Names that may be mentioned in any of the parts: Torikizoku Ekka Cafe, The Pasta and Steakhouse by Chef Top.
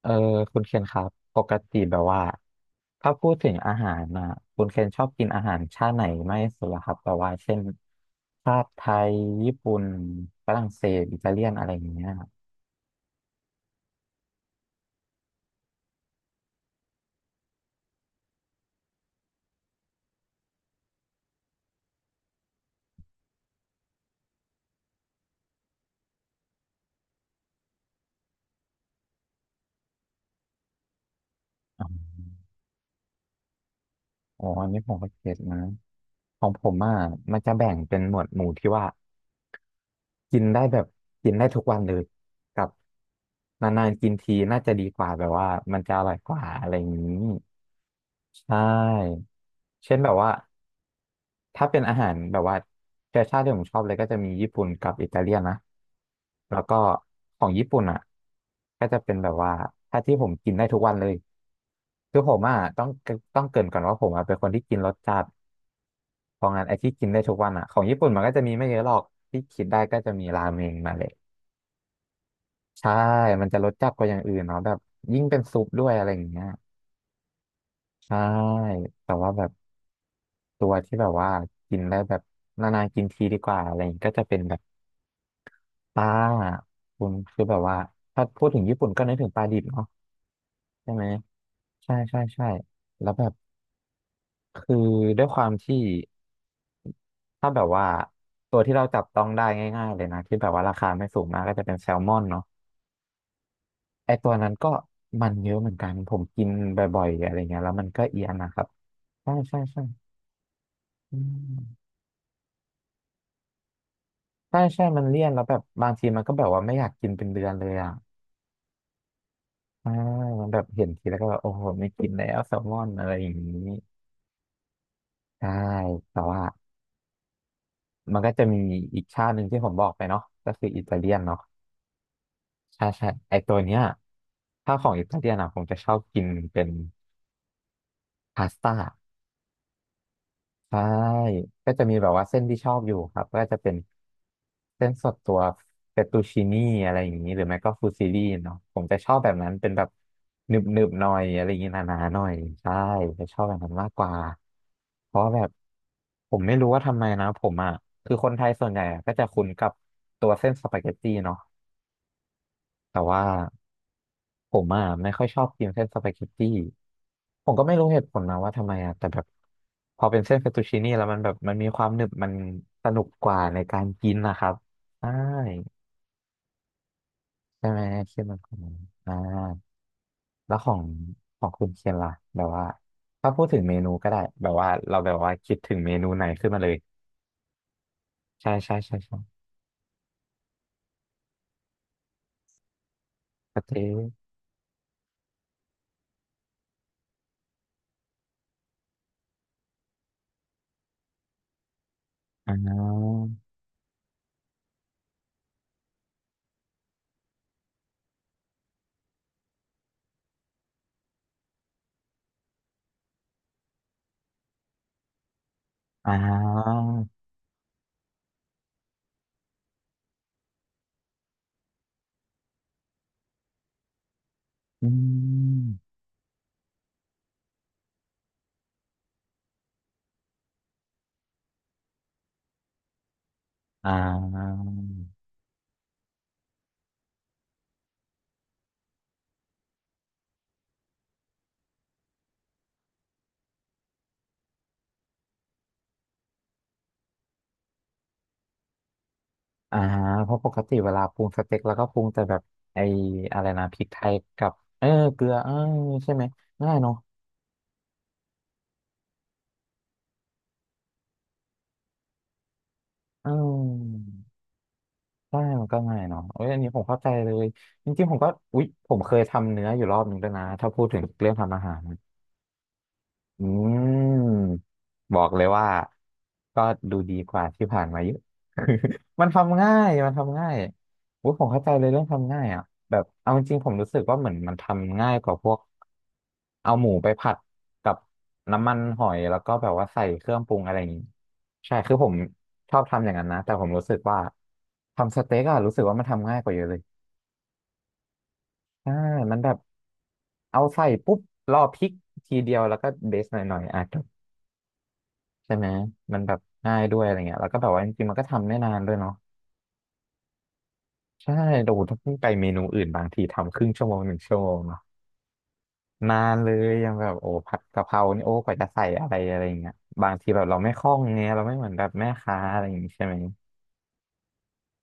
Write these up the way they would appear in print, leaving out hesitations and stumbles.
เออคุณเคนครับปกติแบบว่าถ้าพูดถึงอาหารนะคุณเคนชอบกินอาหารชาติไหนมากที่สุดล่ะครับแบบว่าเช่นชาติไทยญี่ปุ่นฝรั่งเศสอิตาเลียนอะไรอย่างเงี้ยอ๋ออันนี้ผมก็เก็ตนะของผมอ่ะมันจะแบ่งเป็นหมวดหมู่ที่ว่ากินได้แบบกินได้ทุกวันเลยกับนานๆกินทีน่าจะดีกว่าแบบว่ามันจะอร่อยกว่าอะไรอย่างนี้ใช่เช่นแบบว่า ถ้าเป็นอาหารแบบว่าเชื้อชาติที่ผมชอบเลยก็จะมีญี่ปุ่นกับอิตาเลียนนะแล้วก็ของญี่ปุ่นอ่ะก็จะเป็นแบบว่าถ้าที่ผมกินได้ทุกวันเลยคือผมอ่ะต้องเกริ่นก่อนว่าผมอ่ะเป็นคนที่กินรสจัดเพราะงั้นไอ้ที่กินได้ทุกวันอ่ะของญี่ปุ่นมันก็จะมีไม่เยอะหรอกที่คิดได้ก็จะมีราเมงมาเลยใช่มันจะรสจัดกว่าอย่างอื่นเนาะแบบยิ่งเป็นซุปด้วยอะไรอย่างเงี้ยใช่แต่ว่าแบบตัวที่แบบว่ากินได้แบบนานๆกินทีดีกว่าอะไรอย่างงี้ก็จะเป็นแบบ ปลาคุณคือแบบว่าถ้าพูดถึงญี่ปุ่นก็นึกถึงปลาดิบเนาะใช่ไหมใช่ใช่ใช่แล้วแบบคือด้วยความที่ถ้าแบบว่าตัวที่เราจับต้องได้ง่ายๆเลยนะที่แบบว่าราคาไม่สูงมากก็จะเป็นแซลมอนเนาะไอตัวนั้นก็มันเยอะเหมือนกันผมกินบ่อยๆอะไรเงี้ยแล้วมันก็เอียนนะครับใช่ใช่ใช่อืมใช่ใช่มันเลี่ยนแล้วแบบบางทีมันก็แบบว่าไม่อยากกินเป็นเดือนเลยอ่ะอ่ามันแบบเห็นทีแล้วก็แบบโอ้โหไม่กินแล้วแซลมอนอะไรอย่างนี้ ใช่ แต่ว่ามันก็จะมีอีกชาติหนึ่งที่ผมบอกไปเนาะก็คืออิตาเลียนเนาะใช่ใช่ ไอตัวเนี้ยถ้าของอิตาเลียนอ่ะผมจะชอบกินเป็นพาสต้า ใช่ก็จะมีแบบว่าเส้นที่ชอบอยู่ครับก็จะเป็นเส้นสดตัวเฟตตูชินี่อะไรอย่างนี้หรือไม่ก็ฟูซิลี่เนาะผมจะชอบแบบนั้นเป็นแบบหนึบหนึบหน่อยอะไรอย่างนี้หนาๆหน่อยใช่จะชอบแบบนั้นมากกว่าเพราะแบบผมไม่รู้ว่าทำไมนะผมอ่ะคือคนไทยส่วนใหญ่อะก็จะคุ้นกับตัวเส้นสปาเกตตี้เนาะ แต่ว่าผมอ่ะไม่ค่อยชอบกินเส้นสปาเกตตี้ผมก็ไม่รู้เหตุผลนะว่าทำไมอ่ะแต่แบบพอเป็นเส้นเฟตตูชินี่แล้วมันแบบมันมีความหนึบมันสนุกกว่าในการกินนะครับใช่ใช่ไหมเคียนมันของอ่าแล้วของคุณเคียนล่ะแบบว่าถ้าพูดถึงเมนูก็ได้แบบว่าเราแบบว่าคิดถึงเมนูไหนขึ้นมาเลยใช่ใช่ใช่ใช่สเต๊กอ่าอ่าอืมอ่า อ่าเพราะปกติเวลาปรุงสเต็กแล้วก็ปรุงแต่แบบไอ้อะไรนะพริกไทยกับเออเกลือเออใช่ไหมง่ายเนาะอืมใช่มันก็ง่ายเนาะเอ้ยอันนี้ผมเข้าใจเลยจริงๆผมก็อุ๊ยผมเคยทำเนื้ออยู่รอบหนึ่งด้วยนะถ้าพูดถึงเรื่องทำอาหาร อืมบอกเลยว่าก็ดูดีกว่าที่ผ่านมาเยอะ มันทำง่ายมันทำง่ายโอ้ยผมเข้าใจเลยเรื่องทำง่ายอ่ะแบบเอาจริงๆผมรู้สึกว่าเหมือนมันทำง่ายกว่าพวกเอาหมูไปผัดกับน้ำมันหอยแล้วก็แบบว่าใส่เครื่องปรุงอะไรอย่างนี้ใช่คือผมชอบทำอย่างนั้นนะแต่ผมรู้สึกว่าทำสเต็กอะรู้สึกว่ามันทำง่ายกว่าเยอะเลยใช่มันแบบเอาใส่ปุ๊บรอพริกทีเดียวแล้วก็เดซหน่อยๆอ่ะ ใช่ไหมมันแบบง่ายด้วยอะไรเงี้ยแล้วก็แบบว่าจริงๆมันก็ทำไม่นานด้วยเนาะใช่โอ้โหถ้าเพิ่งไปเมนูอื่นบางทีทำครึ่งชั่วโมงหนึ่งชั่วโมงเนาะนานเลยยังแบบโอ้ผัดกะเพรานี่โอ้กว่าจะใส่อะไรอะไรเงี้ยบางทีแบบเราไม่คล่องเงี้ยเราไม่เหมือนแบบแม่ค้าอะไรอย่างงี้ใช่ไหม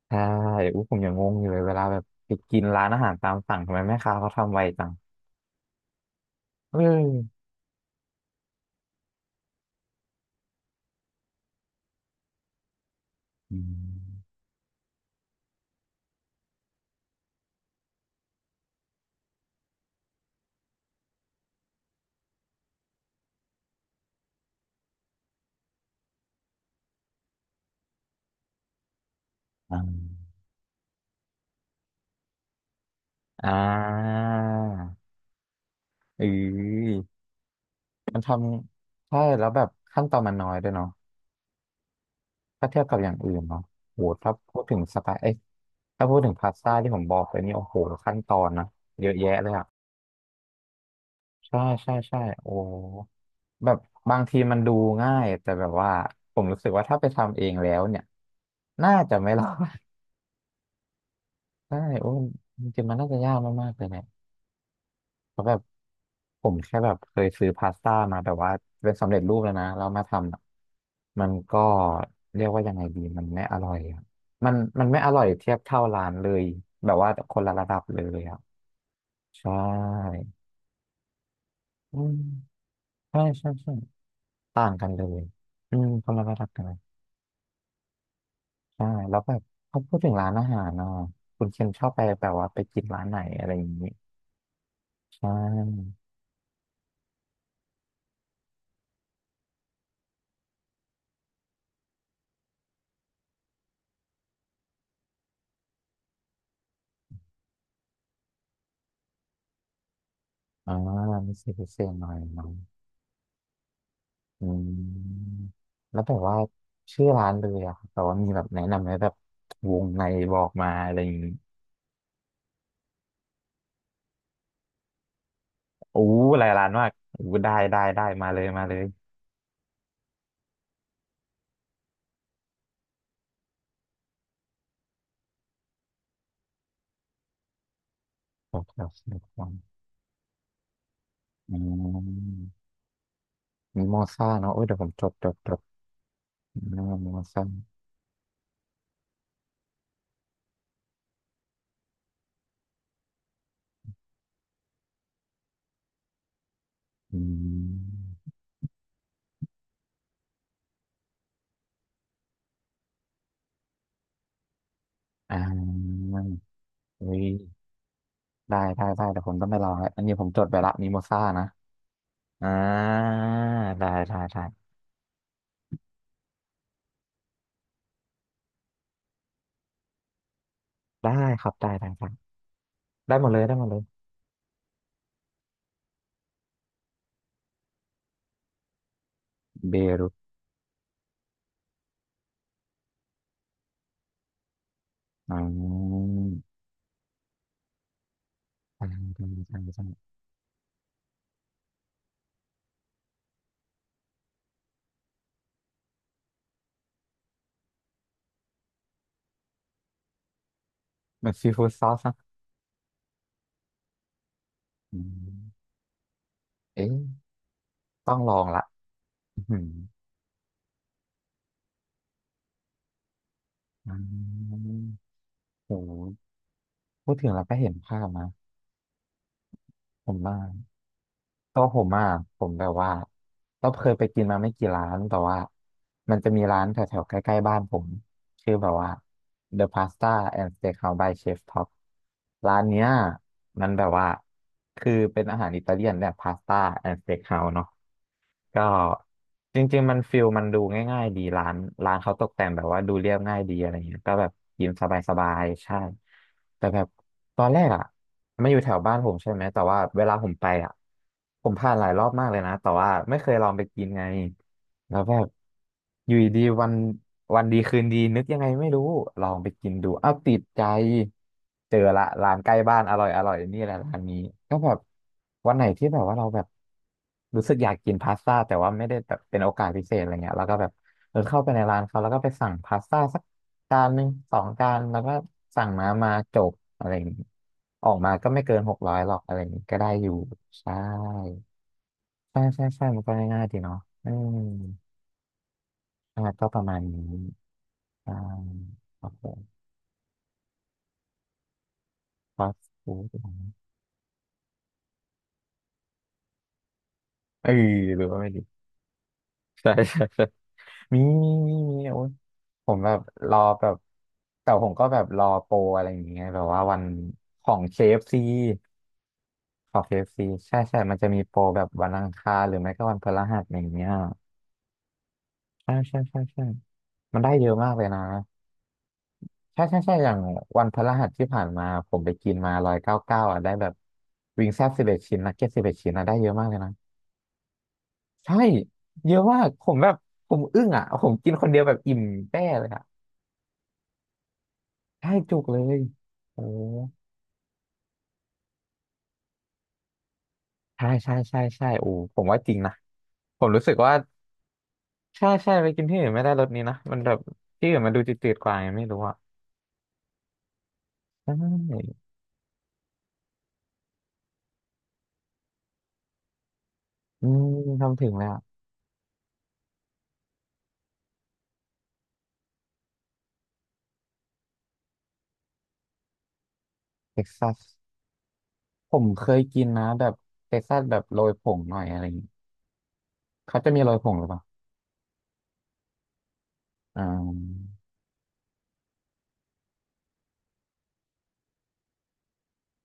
ใช่อู้ผมยังงงอยู่เลยเวลาแบบไปกินร้านอาหารตามสั่งทำไมแม่ค้าเขาทำไวจังเอออืมอ่าอ่าเออมันทำใช่แล้วแบบขั้นตอนมันน้อยด้วยเนาะ ถ้าเทียบกับอย่างอื่นเนาะโหถ้าพูดถึงสไตล์เอ้ยถ้าพูดถึงพาสต้าที่ผมบอกไปนี่โอ้โหขั้นตอนนะเยอะแยะเลยอะใช่ใช่ใช่โอ้แบบบางทีมันดูง่ายแต่แบบว่าผมรู้สึกว่าถ้าไปทำเองแล้วเนี่ยน่าจะไม่รอด ใช่โอ้จริงๆมันน่าจะยากมากๆเลยเนี่ย เพราะแบบผมแค่แบบเคยซื้อพาสต้ามาแบบว่าเป็นสำเร็จรูปแล้วนะแล้วมาทำอะมันก็เรียกว่ายังไงดีมันไม่อร่อยอะมันไม่อร่อยเทียบเท่าร้านเลยแบบว่าคนละระดับเลยอ่ะใช่อืมใช่ใช่ใช่ต่างกันเลยอืมคนละระดับกันเลยใช่แล้วแบบเขาพูดถึงร้านอาหารเนาะคุณเคนชอบไปแบบว่าไปกินร้านไหนอะไรอย่างนี้ใช่อ่ามีเซอร์หน่อยเนาะ อืมแล้วแบบว่าชื่อร้านเลยอะครับแต่ว่ามีแบบแนะนำไหมแบบวงในบอกมาอะไรอย่างงี้โอ้หลายร้านมากโอ้ได้ได้ได้มาเลยมาเลยจดก่อนอืมมีมอซ่าเนาะเอ้ยเดี๋ยวผมจดหน้ามอซ่าอืมอ่าเฮ้ยได้ได้ได้เดี๋ยวผมต้องไปลองแล้วอันนี้ผมจดไปละมีมอซ่านะอ่าได้ได้ได้ได้ครับได้ได้ได้ได้หมดเลยได้หมดเลยเบร อ๋อใช่ใช่ใช่ใช่แบบซีฟู้ดซอสนะอืมเอ๊ะต้องลองละอืมอ๋อโหพูดถึงแล้วก็เห็นภาพนะผมว่าตัวผมอ่ะผมแบบว่าเราเคยไปกินมาไม่กี่ร้านแต่ว่ามันจะมีร้านแถวๆใกล้ๆบ้านผม คือแบบว่า The Pasta and Steakhouse by Chef Top ร้านเนี้ยมันแบบว่าคือเป็นอาหารอิตาเลียนแบบพาสต้าแอนด์สเต็กเฮาส์เนาะก็จริงๆมันฟิลมันดูง่ายๆดีร้านเขาตกแต่งแบบว่าดูเรียบง่ายดีอะไรเงี้ยก็แบบกินสบายๆใช่แต่แบบตอนแรกอ่ะไม่อยู่แถวบ้านผมใช่ไหมแต่ว่าเวลาผมไปอ่ะผมผ่านหลายรอบมากเลยนะแต่ว่าไม่เคยลองไปกินไง แล้วแบบอยู่ดีๆวันดีคืนดีนึกยังไงไม่รู้ลองไปกินดูอ้าวติดใจเจอละร้านใกล้บ้านอร่อยอร่อยนี่แหละร้านนี้ก็แบบวันไหนที่แบบว่าเราแบบรู้สึกอยากกินพาสต้าแต่ว่าไม่ได้แบบเป็นโอกาสพิเศษอะไรเงี้ยแล้วก็แบบเออเข้าไปในร้านเขาแล้วก็ไปสั่งพาสต้าสักจานหนึ่งสองจานแล้วก็สั่งน้ำมาจบอะไรอย่างงี้ออกมาก็ไม่เกิน600หรอกอะไรอย่างงี้ก็ได้อยู่ใช่ใช่ใช่ใช่มันก็ง่ายๆดีเนาะอืม อ่าก็ประมาณนี้อ่าโอเคฟาสต์ฟู้ดเออหรือว่าไม่ดีใช่ ใช่ใช่มีมีมีมีโอ้ยผมแบบรอแบบ แต่ผมก็แบบรอโปรอะไรอย่างเงี้ยแบบว่าวันของ KFC ของ KFC ใช่ใช่มันจะมีโปรแบบวันอังคารหรือไม่ก็วันพฤหัสอย่างเงี้ยใช่ใช่ใช่ใช่มันได้เยอะมากเลยนะ ใช่ใช่ใช่อย่างวันพฤหัสที่ผ่านมาผมไปกินมา199อ่ะได้แบบวิงแซ่บสิบเอ็ดชิ้นนักเก็ตสิบเอ็ดชิ้นนะได้เยอะมากเลยนะใช่เยอะมากผมแบบผมอึ้งอ่ะผมกินคนเดียวแบบอิ่มแป้เลยอ่ะใช่จุกเลยโอ้ใช่ใช่ใช่ใช่โอ้ผมว่าจริงนะผมรู้สึกว่าใช่ใช่ไปกินที่อื่นไม่ได้รสนี้นะมันแบบที่อื่นมันดูจืดๆกว่าไงไม่รู้อ่ะใช่อืมทำถึงแล้วเท็กซัสผมเคยกินนะแบบเท็กซัสแบบโรยผงหน่อยอะไร เขาจะมีโอยผงหรือเปล่าอ่า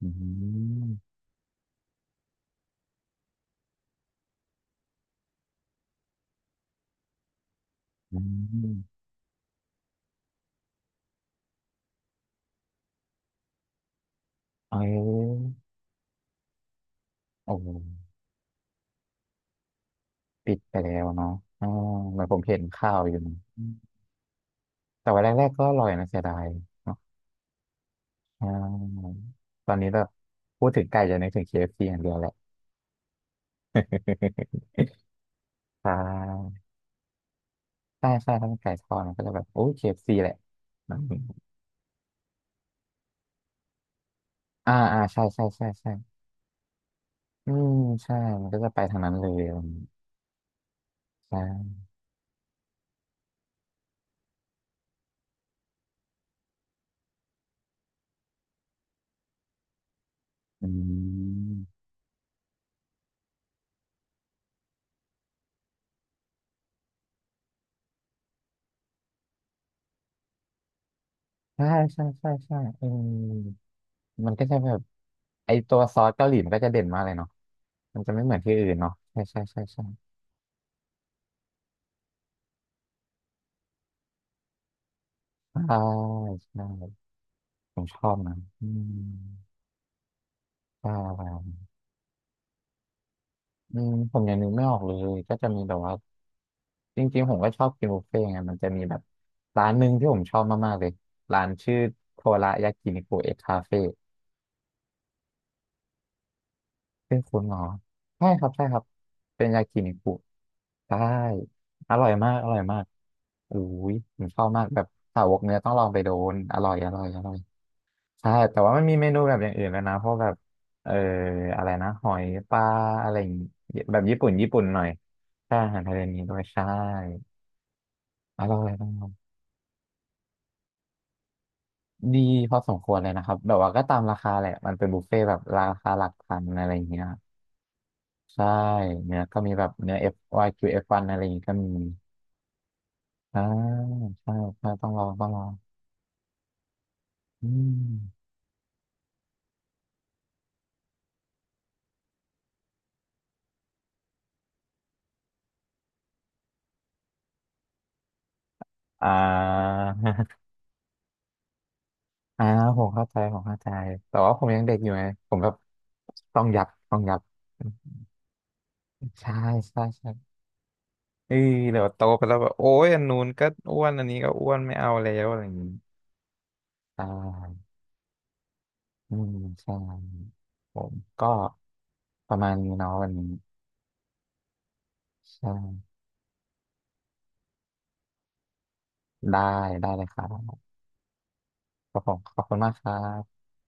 อืมอืมเอ้ยโอ้ปิดไปแล้วเนาะอ่าเหมือนผมเห็นข่าวอยู่นะอืมแต่ว่าแรกๆก็อร่อยนะเสียดายเนาะอ่าตอนนี้แบบพูดถึงไก่จะนึกถึง KFC อฟซีอย่างเดียวแหละ ใช่ใช่ใช่ถ้าเป็นไก่ทอดมันก็จะแบบโอ้ KFC แหละอืมอ่าอ่าใช่ใช่ใช่ใช่อืมใช่มันก็จะไปทางนั้นเลยอะไรอย่างงี้ใช่อืมใช่ใช่ใช่ใช่เออ มันก็จะแบบไอตัวซอสเกาหลีมันก็จะเด่นมากเลยเนาะมันจะไม่เหมือนที่อื่นเนาะใช่ใช่ใช่ใช่ใช่ใช่ผมชอบนะอืมใช่อืมผมยังนึกไม่ออกเลยก็จะมีแบบว่าจริงๆผมก็ชอบกินบุฟเฟ่ต์ไงมันจะมีแบบร้านหนึ่งที่ผมชอบมากๆเลยร้านชื่อโทรายากินิคุเอ็กคาเฟ่ เป็นคุณหมอใช่ครับใช่ครับเป็นยากินิคุใช่อร่อยมากอร่อยมากอุ้ยผมชอบมากแบบสาวกเนื้อต้องลองไปโดนอร่อยอร่อยอร่อยใช่แต่ว่ามันมีเมนูแบบอย่างอื่นแล้วนะเพราะแบบเอออะไรนะหอยปลาอะไรอย่างงี้แบบญี่ปุ่นญี่ปุ่นหน่อยใช่อาหารทะเลนี้ด้วยใช่อร่อยมากดีพอสมควรเลยนะครับแบบว่าก็ตามราคาแหละมันเป็นบุฟเฟ่ต์แบบราคาหลักพันอะไรอย่างเงี้ยใช่เนื้อก็มีแบบเนื้อ F Y Q F1 อฟวันอะไรอย่างงี้ก็มี อ่าใช่ใช่ต้องลองต้องลองอืมอ่า อ่าผมเข้าใจผมเข้าใจแต่ว่าผมยังเด็กอยู่ไงผมแบบต้องยับต้องยับใช่ใช่ใช่เอ้ยเดี๋ยวโตไปแล้วแบบโอ้ยอันนู้นก็อ้วนอันนี้ก็อ้วนไม่เอาแล้วอะไรอย่างนี้ใช่อืมใช่ผมก็ประมาณนี้เนาะวันนี้ใช่ได้ได้เลยครับขอบคุณขอบคุณมากครับ